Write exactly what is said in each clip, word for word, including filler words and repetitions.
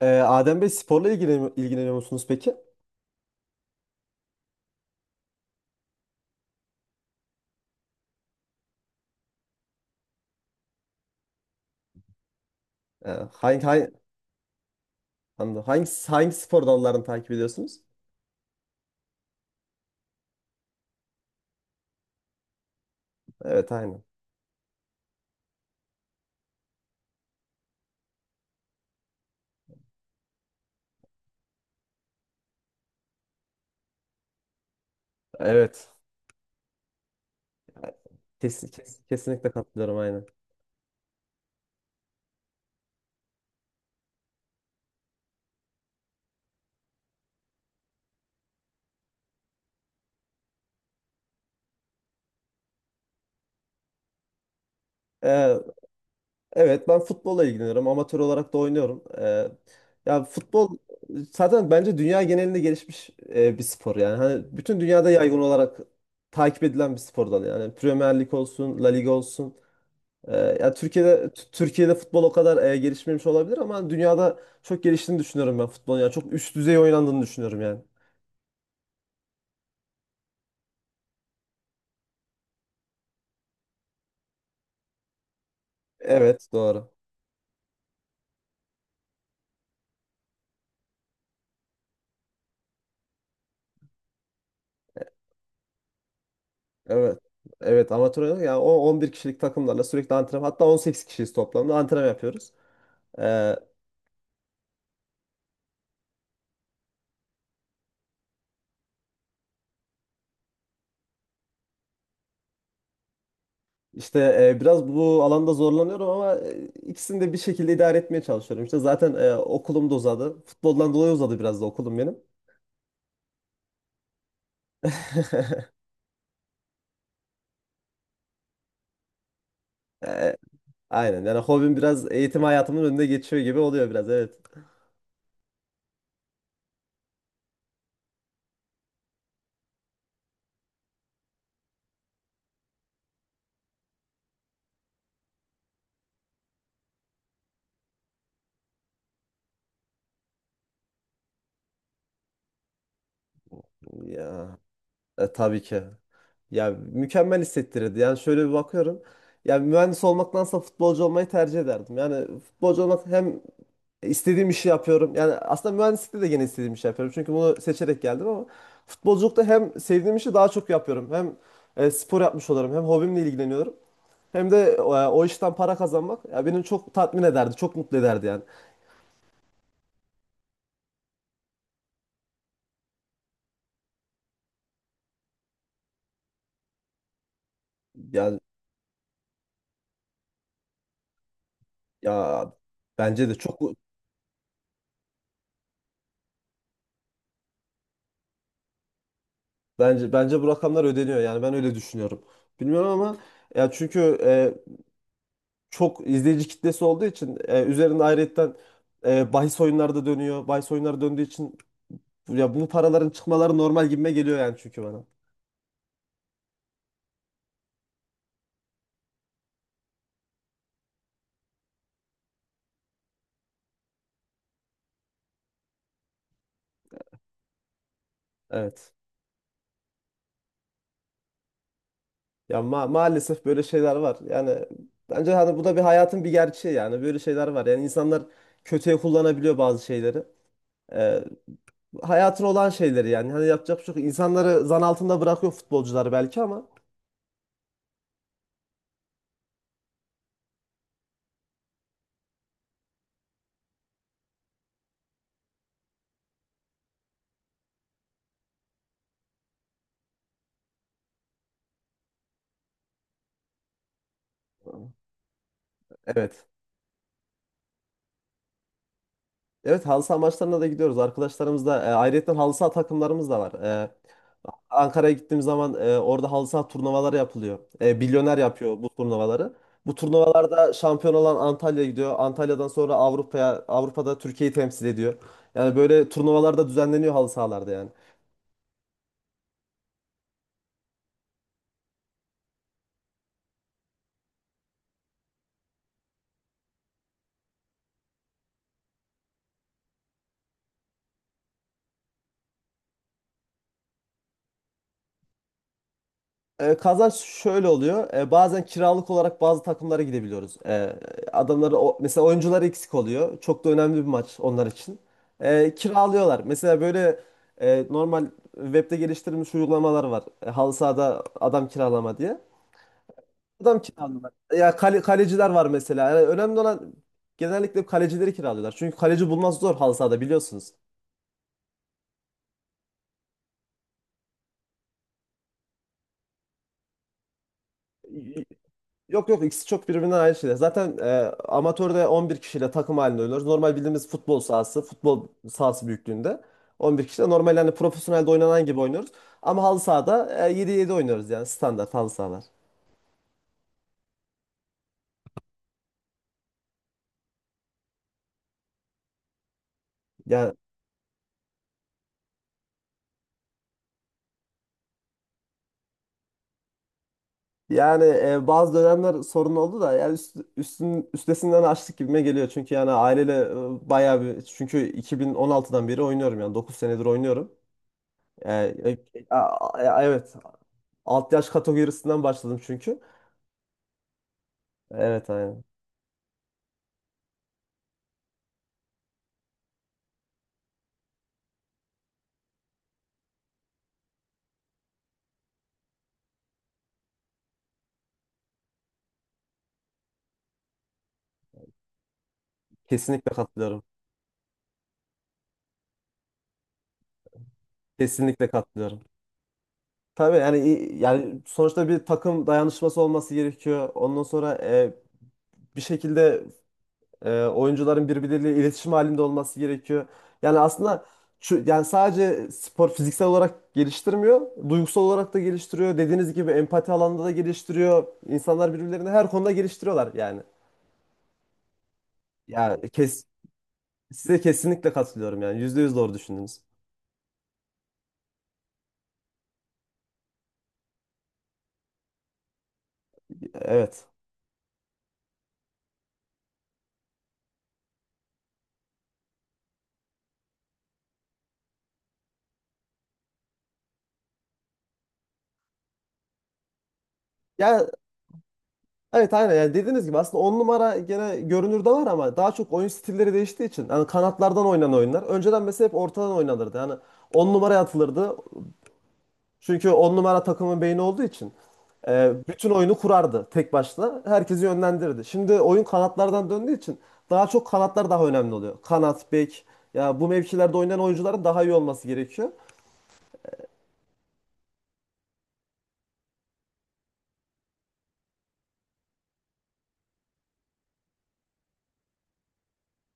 Ee, Adem Bey sporla ilgileniyor, ilgileniyor musunuz peki? Ee, hangi, hangi, Anladım. hangi, hangi spor dallarını takip ediyorsunuz? Evet, aynen. Evet. Kesin, kes- kesinlikle katılıyorum, aynen. Ee, evet ben futbolla ilgileniyorum. Amatör olarak da oynuyorum. Ee, ya futbol zaten bence dünya genelinde gelişmiş e, bir spor yani. Hani bütün dünyada yaygın olarak takip edilen bir spor dalı yani. Premier Lig olsun, La Liga olsun. Ee, ya Türkiye'de Türkiye'de futbol o kadar e, gelişmemiş olabilir ama dünyada çok geliştiğini düşünüyorum ben futbolun. Yani çok üst düzey oynandığını düşünüyorum yani. Evet, doğru. Evet. Evet, amatör oynadık. Yani o on bir kişilik takımlarla sürekli antrenman, hatta on sekiz kişiyiz toplamda antrenman yapıyoruz. Ee, işte e, biraz bu alanda zorlanıyorum ama e, ikisini de bir şekilde idare etmeye çalışıyorum. İşte zaten e, okulum da uzadı. Futboldan dolayı uzadı biraz da okulum benim. E, aynen yani hobim biraz eğitim hayatımın önünde geçiyor gibi oluyor biraz, evet. Ya e, tabii ki. Ya, mükemmel hissettirirdi. Yani şöyle bir bakıyorum. Ya, mühendis olmaktansa futbolcu olmayı tercih ederdim. Yani futbolcu olmak hem istediğim işi yapıyorum. Yani aslında mühendislikte de gene istediğim işi yapıyorum. Çünkü bunu seçerek geldim ama futbolculukta hem sevdiğim işi daha çok yapıyorum. Hem e, spor yapmış olurum, hem hobimle ilgileniyorum. Hem de e, o işten para kazanmak ya beni çok tatmin ederdi, çok mutlu ederdi yani. Yani, ya bence de çok. Bence bence bu rakamlar ödeniyor yani ben öyle düşünüyorum. Bilmiyorum ama ya çünkü e, çok izleyici kitlesi olduğu için e, üzerinde ayrıyetten e, bahis oyunları da dönüyor. Bahis oyunları döndüğü için ya bu paraların çıkmaları normal gibime geliyor yani, çünkü bana. Evet. Ya, ma- maalesef böyle şeyler var. Yani bence hani bu da bir hayatın bir gerçeği, yani böyle şeyler var. Yani insanlar kötüye kullanabiliyor bazı şeyleri. E, hayatın olan şeyleri yani. Hani yapacak bir şey yok. İnsanları zan altında bırakıyor futbolcuları belki ama. Evet. Evet, halı saha maçlarına da gidiyoruz. Arkadaşlarımızla e, ayrıca halı saha takımlarımız da var. E, Ankara'ya gittiğim zaman e, orada halı saha turnuvaları yapılıyor. E, Bilyoner yapıyor bu turnuvaları. Bu turnuvalarda şampiyon olan Antalya gidiyor. Antalya'dan sonra Avrupa'ya, Avrupa'da Türkiye'yi temsil ediyor. Yani böyle turnuvalar da düzenleniyor halı sahalarda yani. E, kazanç şöyle oluyor. E, bazen kiralık olarak bazı takımlara gidebiliyoruz. E, adamları o, mesela oyuncuları eksik oluyor. Çok da önemli bir maç onlar için. E, kiralıyorlar. Mesela böyle e, normal webde geliştirilmiş uygulamalar var. E, halı sahada adam kiralama diye. Adam kiralıyorlar. Ya, kale- kaleciler var mesela. Yani önemli olan genellikle kalecileri kiralıyorlar. Çünkü kaleci bulması zor halı sahada, biliyorsunuz. Yok, yok, ikisi çok birbirinden ayrı şeyler. Zaten e, amatörde on bir kişiyle takım halinde oynuyoruz. Normal bildiğimiz futbol sahası, futbol sahası büyüklüğünde on bir kişiyle normal, yani profesyonelde oynanan gibi oynuyoruz. Ama halı sahada e, yedi yedi oynuyoruz yani standart halı sahalar. Yani, yani e, bazı dönemler sorun oldu da yani üst, üstün, üstesinden açtık gibime geliyor. Çünkü yani aileyle e, bayağı bir çünkü iki bin on altıdan beri oynuyorum, yani dokuz senedir oynuyorum. E, e, a- a- evet alt yaş kategorisinden başladım çünkü. Evet, aynen. Kesinlikle katılıyorum. Kesinlikle katılıyorum. Tabii yani i- yani sonuçta bir takım dayanışması olması gerekiyor. Ondan sonra e, bir şekilde e, oyuncuların birbirleriyle iletişim halinde olması gerekiyor. Yani aslında şu, yani sadece spor fiziksel olarak geliştirmiyor, duygusal olarak da geliştiriyor. Dediğiniz gibi empati alanında da geliştiriyor. İnsanlar birbirlerini her konuda geliştiriyorlar yani. Ya, kes size kesinlikle katılıyorum yani. Yüzde yüz doğru düşündünüz. Evet. Ya, Evet aynen yani dediğiniz gibi aslında on numara gene görünürde var ama daha çok oyun stilleri değiştiği için yani kanatlardan oynanan oyunlar. Önceden mesela hep ortadan oynanırdı. Yani on numaraya atılırdı. Çünkü on numara takımın beyni olduğu için e, bütün oyunu kurardı tek başına. Herkesi yönlendirirdi. Şimdi oyun kanatlardan döndüğü için daha çok kanatlar daha önemli oluyor. Kanat, bek, ya bu mevkilerde oynayan oyuncuların daha iyi olması gerekiyor.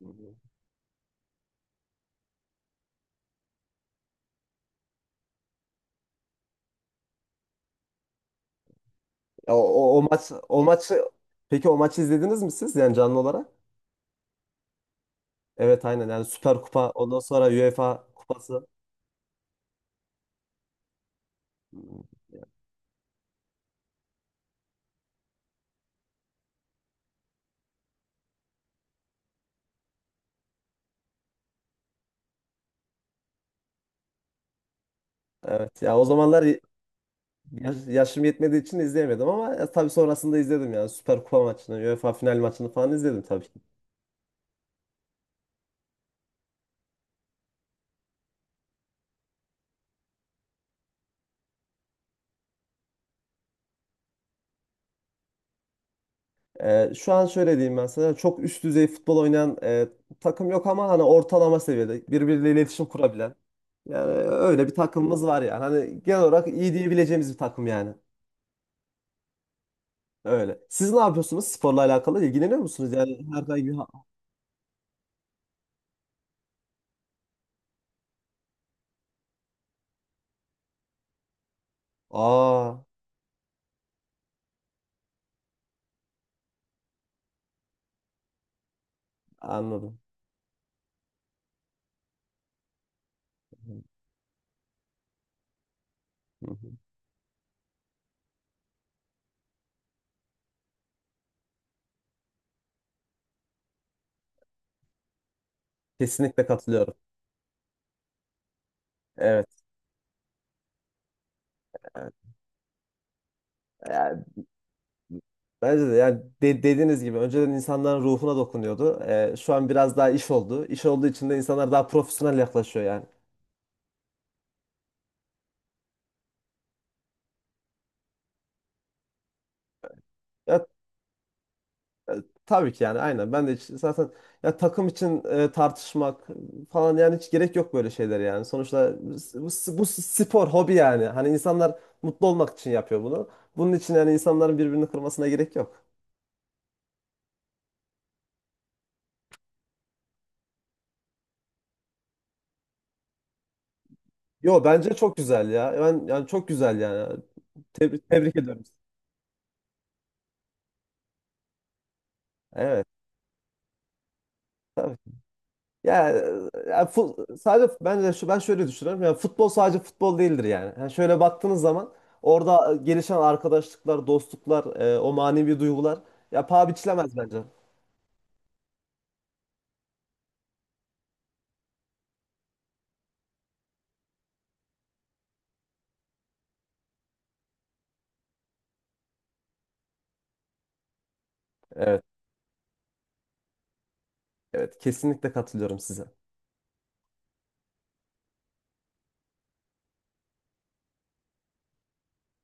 Hı hı. Ya, o, o, o maç o maçı peki o maçı izlediniz mi siz, yani canlı olarak? Evet, aynen yani Süper Kupa, ondan sonra UEFA Kupası. Evet, ya o zamanlar yaş- yaşım yetmediği için izleyemedim ama ya, tabii sonrasında izledim yani Süper Kupa maçını, UEFA final maçını falan izledim tabii ki. Ee, şu an şöyle diyeyim ben sana, çok üst düzey futbol oynayan e, takım yok ama hani ortalama seviyede birbiriyle iletişim kurabilen yani öyle bir takımımız var yani hani genel olarak iyi diyebileceğimiz bir takım yani, öyle. Siz ne yapıyorsunuz sporla alakalı, ilgileniyor musunuz yani herhangi bir... Aa, anladım. Kesinlikle katılıyorum. Evet. Yani yani bence de yani de- dediğiniz gibi önceden insanların ruhuna dokunuyordu. Ee, şu an biraz daha iş oldu. İş olduğu için de insanlar daha profesyonel yaklaşıyor yani. Ya, e, tabii ki yani aynen. Ben de hiç- zaten, ya takım için e, tartışmak falan yani hiç gerek yok böyle şeyler yani. Sonuçta bu, bu bu spor, hobi yani. Hani insanlar mutlu olmak için yapıyor bunu. Bunun için yani insanların birbirini kırmasına gerek yok. Yo, bence çok güzel ya. Ben yani çok güzel yani. Tebrik, tebrik ediyorum. Evet. Ya, ya fu- Sadece ben de şu, ben şöyle düşünüyorum. Yani futbol sadece futbol değildir yani. Yani şöyle baktığınız zaman orada e, gelişen arkadaşlıklar, dostluklar, e, o manevi duygular ya paha biçilemez bence. Evet, evet kesinlikle katılıyorum size.